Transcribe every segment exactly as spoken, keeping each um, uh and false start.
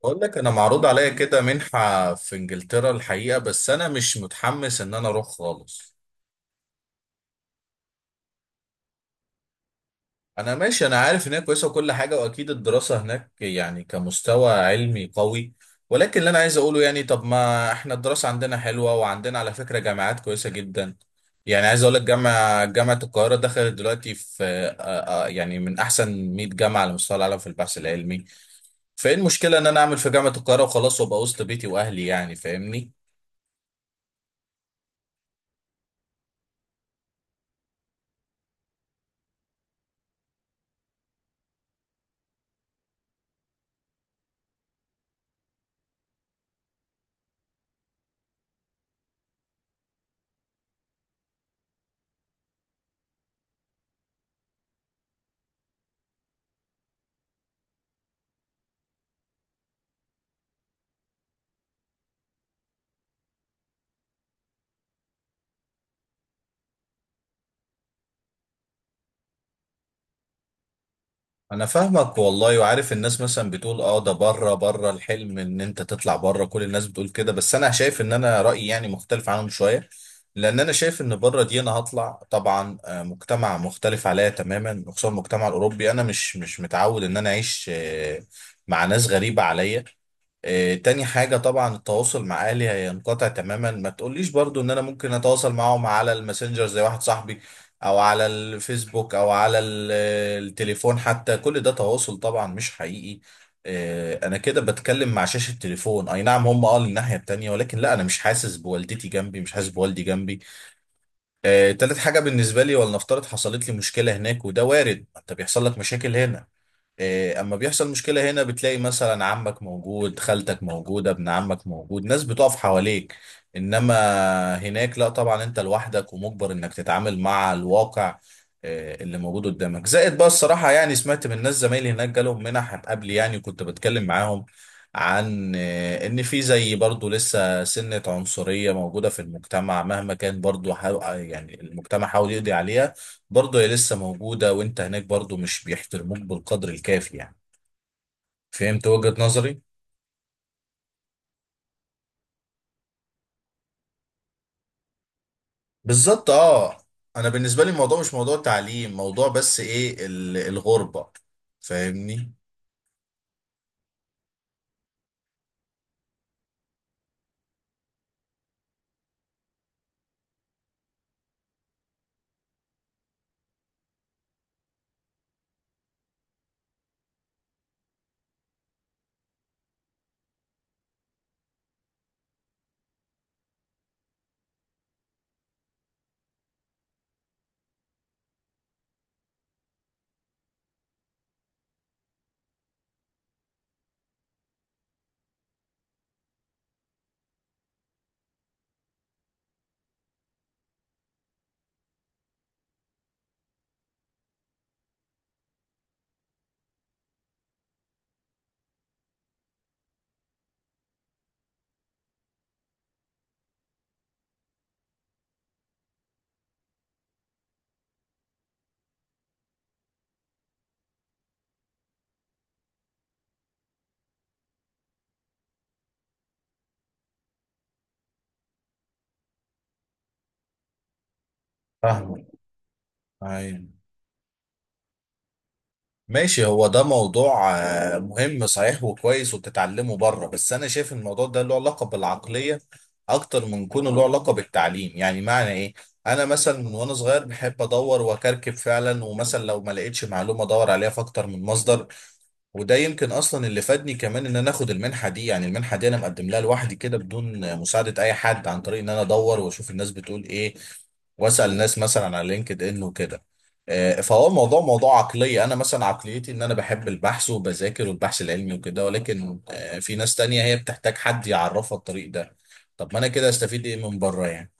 بقول لك انا معروض عليا كده منحة في انجلترا الحقيقة، بس انا مش متحمس ان انا اروح خالص. انا ماشي، انا عارف ان هي كويسة وكل حاجة، واكيد الدراسة هناك يعني كمستوى علمي قوي، ولكن اللي انا عايز اقوله يعني طب ما احنا الدراسة عندنا حلوة، وعندنا على فكرة جامعات كويسة جدا. يعني عايز اقول لك جامعة جامعة القاهرة دخلت دلوقتي في آه، آه، آه، يعني من احسن مية جامعة على مستوى العالم في البحث العلمي. فايه المشكلة ان انا اعمل في جامعة القاهرة وخلاص وابقى وسط بيتي واهلي، يعني فاهمني؟ انا فاهمك والله، وعارف الناس مثلا بتقول اه ده بره بره الحلم ان انت تطلع بره، كل الناس بتقول كده، بس انا شايف ان انا رايي يعني مختلف عنهم شويه. لان انا شايف ان بره دي انا هطلع طبعا آه، مجتمع مختلف عليا تماما، وخصوصا المجتمع الاوروبي، انا مش مش متعود ان انا اعيش آه، مع ناس غريبه عليا. آه، تاني حاجة طبعا التواصل مع أهلي هينقطع تماما. ما تقوليش برضو إن أنا ممكن أتواصل معاهم على الماسنجر زي واحد صاحبي، أو على الفيسبوك، أو على ال- التليفون حتى. كل ده تواصل طبعا مش حقيقي. آه، أنا كده بتكلم مع شاشة تليفون. أي نعم هم قالوا الناحية التانية، ولكن لا، أنا مش حاسس بوالدتي جنبي، مش حاسس بوالدي جنبي. آه، تالت حاجة بالنسبة لي، ولنفترض حصلت لي مشكلة هناك، وده وارد، أنت بيحصل لك مشاكل هنا. إيه، اما بيحصل مشكلة هنا بتلاقي مثلا عمك موجود، خالتك موجودة، ابن عمك موجود، ناس بتقف حواليك. انما هناك لا طبعا، انت لوحدك، ومجبر انك تتعامل مع الواقع إيه، اللي موجود قدامك. زائد بقى الصراحة يعني سمعت من ناس زمايلي هناك جالهم منح قبل، يعني كنت بتكلم معاهم عن إيه، ان في زي برضو لسه سنة عنصرية موجودة في المجتمع. مهما كان برضو حاو- يعني المجتمع حاول يقضي عليها، برضه هي لسه موجودة، وانت هناك برضه مش بيحترموك بالقدر الكافي يعني. فهمت وجهة نظري؟ بالظبط اه. انا بالنسبة لي الموضوع مش موضوع تعليم، موضوع بس ايه، ال- الغربة. فاهمني؟ فاهمك، ايوه، ماشي. هو ده موضوع آه، مهم صحيح وكويس، وتتعلمه بره، بس انا شايف إن الموضوع ده له علاقة بالعقلية اكتر من كونه له علاقة بالتعليم. يعني معنى ايه؟ انا مثلا من وانا صغير بحب ادور واكركب فعلا، ومثلا لو ما لقيتش معلومه ادور عليها في اكتر من مصدر. وده يمكن اصلا اللي فادني كمان ان انا اخد المنحه دي. يعني المنحه دي انا مقدم لها لوحدي كده بدون مساعده اي حد، عن طريق ان انا ادور واشوف الناس بتقول ايه، واسال الناس مثلا على لينكد ان وكده. آه، فهو الموضوع موضوع عقليه. انا مثلا عقليتي ان انا بحب البحث وبذاكر والبحث العلمي وكده، ولكن آه، في ناس تانية هي بتحتاج حد يعرفها الطريق ده. طب ما انا كده استفيد ايه من بره يعني؟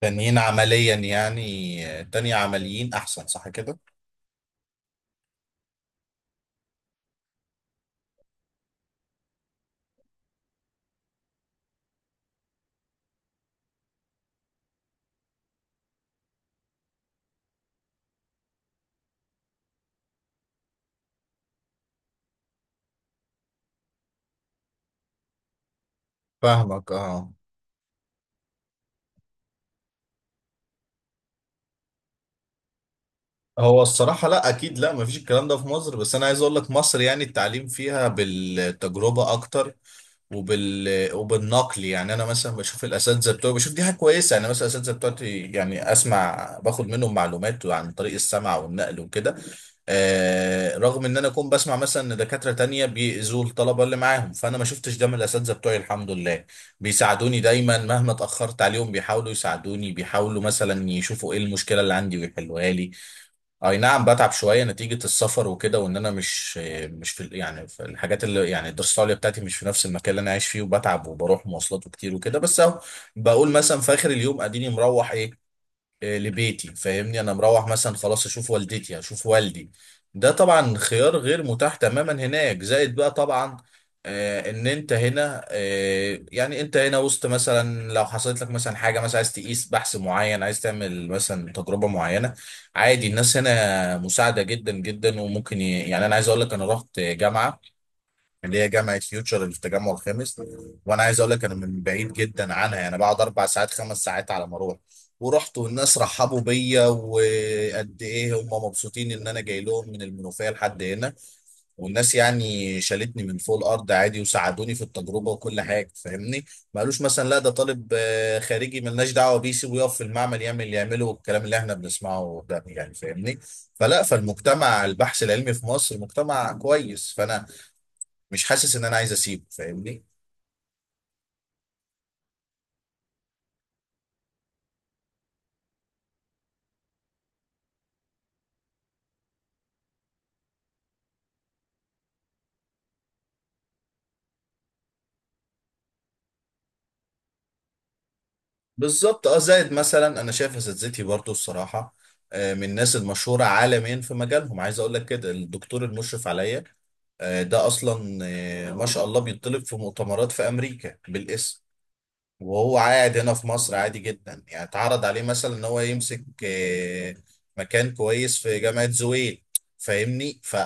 تانيين عمليا يعني، آه، تانية عمليين احسن، صح كده؟ فاهمك اه. هو الصراحة لا، أكيد لا، مفيش الكلام ده في مصر، بس أنا عايز أقول لك مصر يعني التعليم فيها بالتجربة أكتر، وبال وبالنقل. يعني أنا مثلا بشوف الأساتذة بتوعي، بشوف دي حاجة كويسة. يعني مثلا الأساتذة بتوعتي يعني أسمع، باخد منهم معلومات عن طريق السمع والنقل وكده. آه، رغم إن أنا أكون بسمع مثلا إن دكاترة تانية بيأذوا الطلبة اللي معاهم، فأنا ما شفتش ده من الأساتذة بتوعي الحمد لله. بيساعدوني دايما مهما اتأخرت عليهم، بيحاولوا يساعدوني، بيحاولوا مثلا يشوفوا إيه المشكلة اللي عندي ويحلوها لي. اي نعم بتعب شويه نتيجه السفر وكده، وان انا مش مش في، يعني في الحاجات اللي يعني الدراسه العليا بتاعتي مش في نفس المكان اللي انا عايش فيه، وبتعب وبروح مواصلات وكتير وكده، بس اهو بقول مثلا في اخر اليوم اديني مروح ايه آه، لبيتي، فاهمني؟ انا مروح مثلا خلاص اشوف والدتي اشوف والدي. ده طبعا خيار غير متاح تماما هناك. زائد بقى طبعا آه، ان انت هنا، آه، يعني انت هنا وسط، مثلا لو حصلت لك مثلا حاجه، مثلا عايز تقيس بحث معين، عايز تعمل مثلا تجربه معينه، عادي الناس هنا مساعده جدا جدا، وممكن ي... يعني انا عايز اقول لك انا رحت جامعه، اللي هي جامعه فيوتشر اللي في التجمع الخامس، وانا عايز اقول لك انا من بعيد جدا عنها، يعني بقعد اربع ساعات خمس ساعات على ما اروح. ورحت والناس رحبوا بيا، وقد ايه هم مبسوطين ان انا جاي لهم من المنوفيه لحد هنا. والناس يعني شالتني من فوق الارض عادي، وساعدوني في التجربه وكل حاجه، فاهمني؟ ما قالوش مثلا لا ده طالب آه، خارجي ملناش دعوه بيه، سيبه يقف في المعمل يعمل اللي يعمله، والكلام اللي احنا بنسمعه ده، يعني فاهمني؟ فلا، فالمجتمع البحث العلمي في مصر مجتمع كويس، فانا مش حاسس ان انا عايز اسيبه، فاهمني؟ بالظبط اه. زائد مثلا انا شايف اساتذتي برضو الصراحه آه، من الناس المشهوره عالميا في مجالهم. عايز اقول لك كده الدكتور المشرف عليا آه، ده اصلا آه، ما شاء الله بيطلب في مؤتمرات في امريكا بالاسم، وهو قاعد هنا في مصر عادي جدا. يعني اتعرض عليه مثلا ان هو يمسك آه، مكان كويس في جامعة زويل، فاهمني؟ ف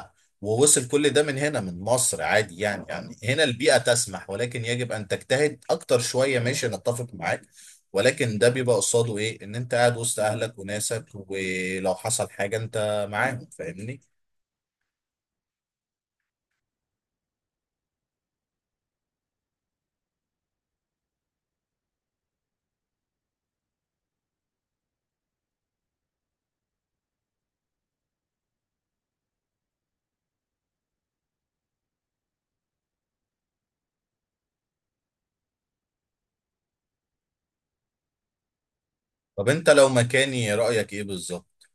ووصل كل ده من هنا من مصر عادي، يعني يعني هنا البيئة تسمح، ولكن يجب ان تجتهد اكتر شوية. ماشي، انا اتفق معاك، ولكن ده بيبقى قصاده ايه، ان انت قاعد وسط اهلك وناسك، ولو حصل حاجة انت معاهم، فاهمني؟ طب انت لو مكاني رأيك ايه بالظبط؟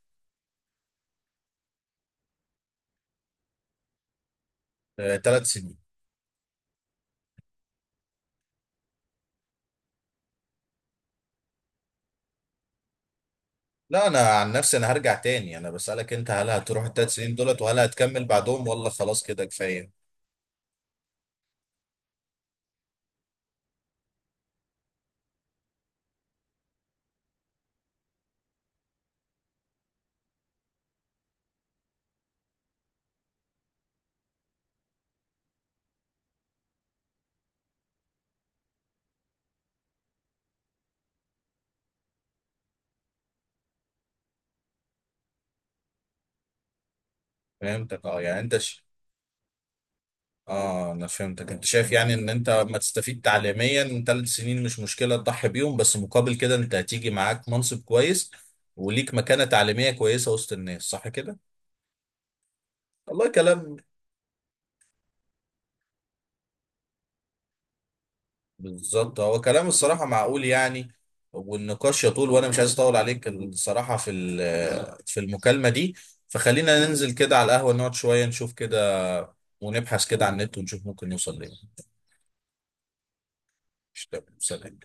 ثلاث سنين. لا انا عن نفسي انا هرجع تاني، انا بسألك انت، هل هتروح التلات سنين دولت وهل هتكمل بعدهم ولا خلاص كده كفاية؟ فهمتك اه. يعني انت ش... اه انا فهمتك، انت شايف يعني ان انت ما تستفيد تعليميا من ثلاث سنين مش مشكلة تضحي بيهم، بس مقابل كده انت هتيجي معاك منصب كويس وليك مكانة تعليمية كويسة وسط الناس، صح كده؟ والله كلام، بالظبط، هو كلام الصراحة معقول يعني. والنقاش يطول، وانا مش عايز اطول عليك الصراحة في ال- في المكالمة دي، فخلينا ننزل كده على القهوة نقعد شوية نشوف كده، ونبحث كده على النت ونشوف ممكن نوصل ليه. مش تمام؟ سلام.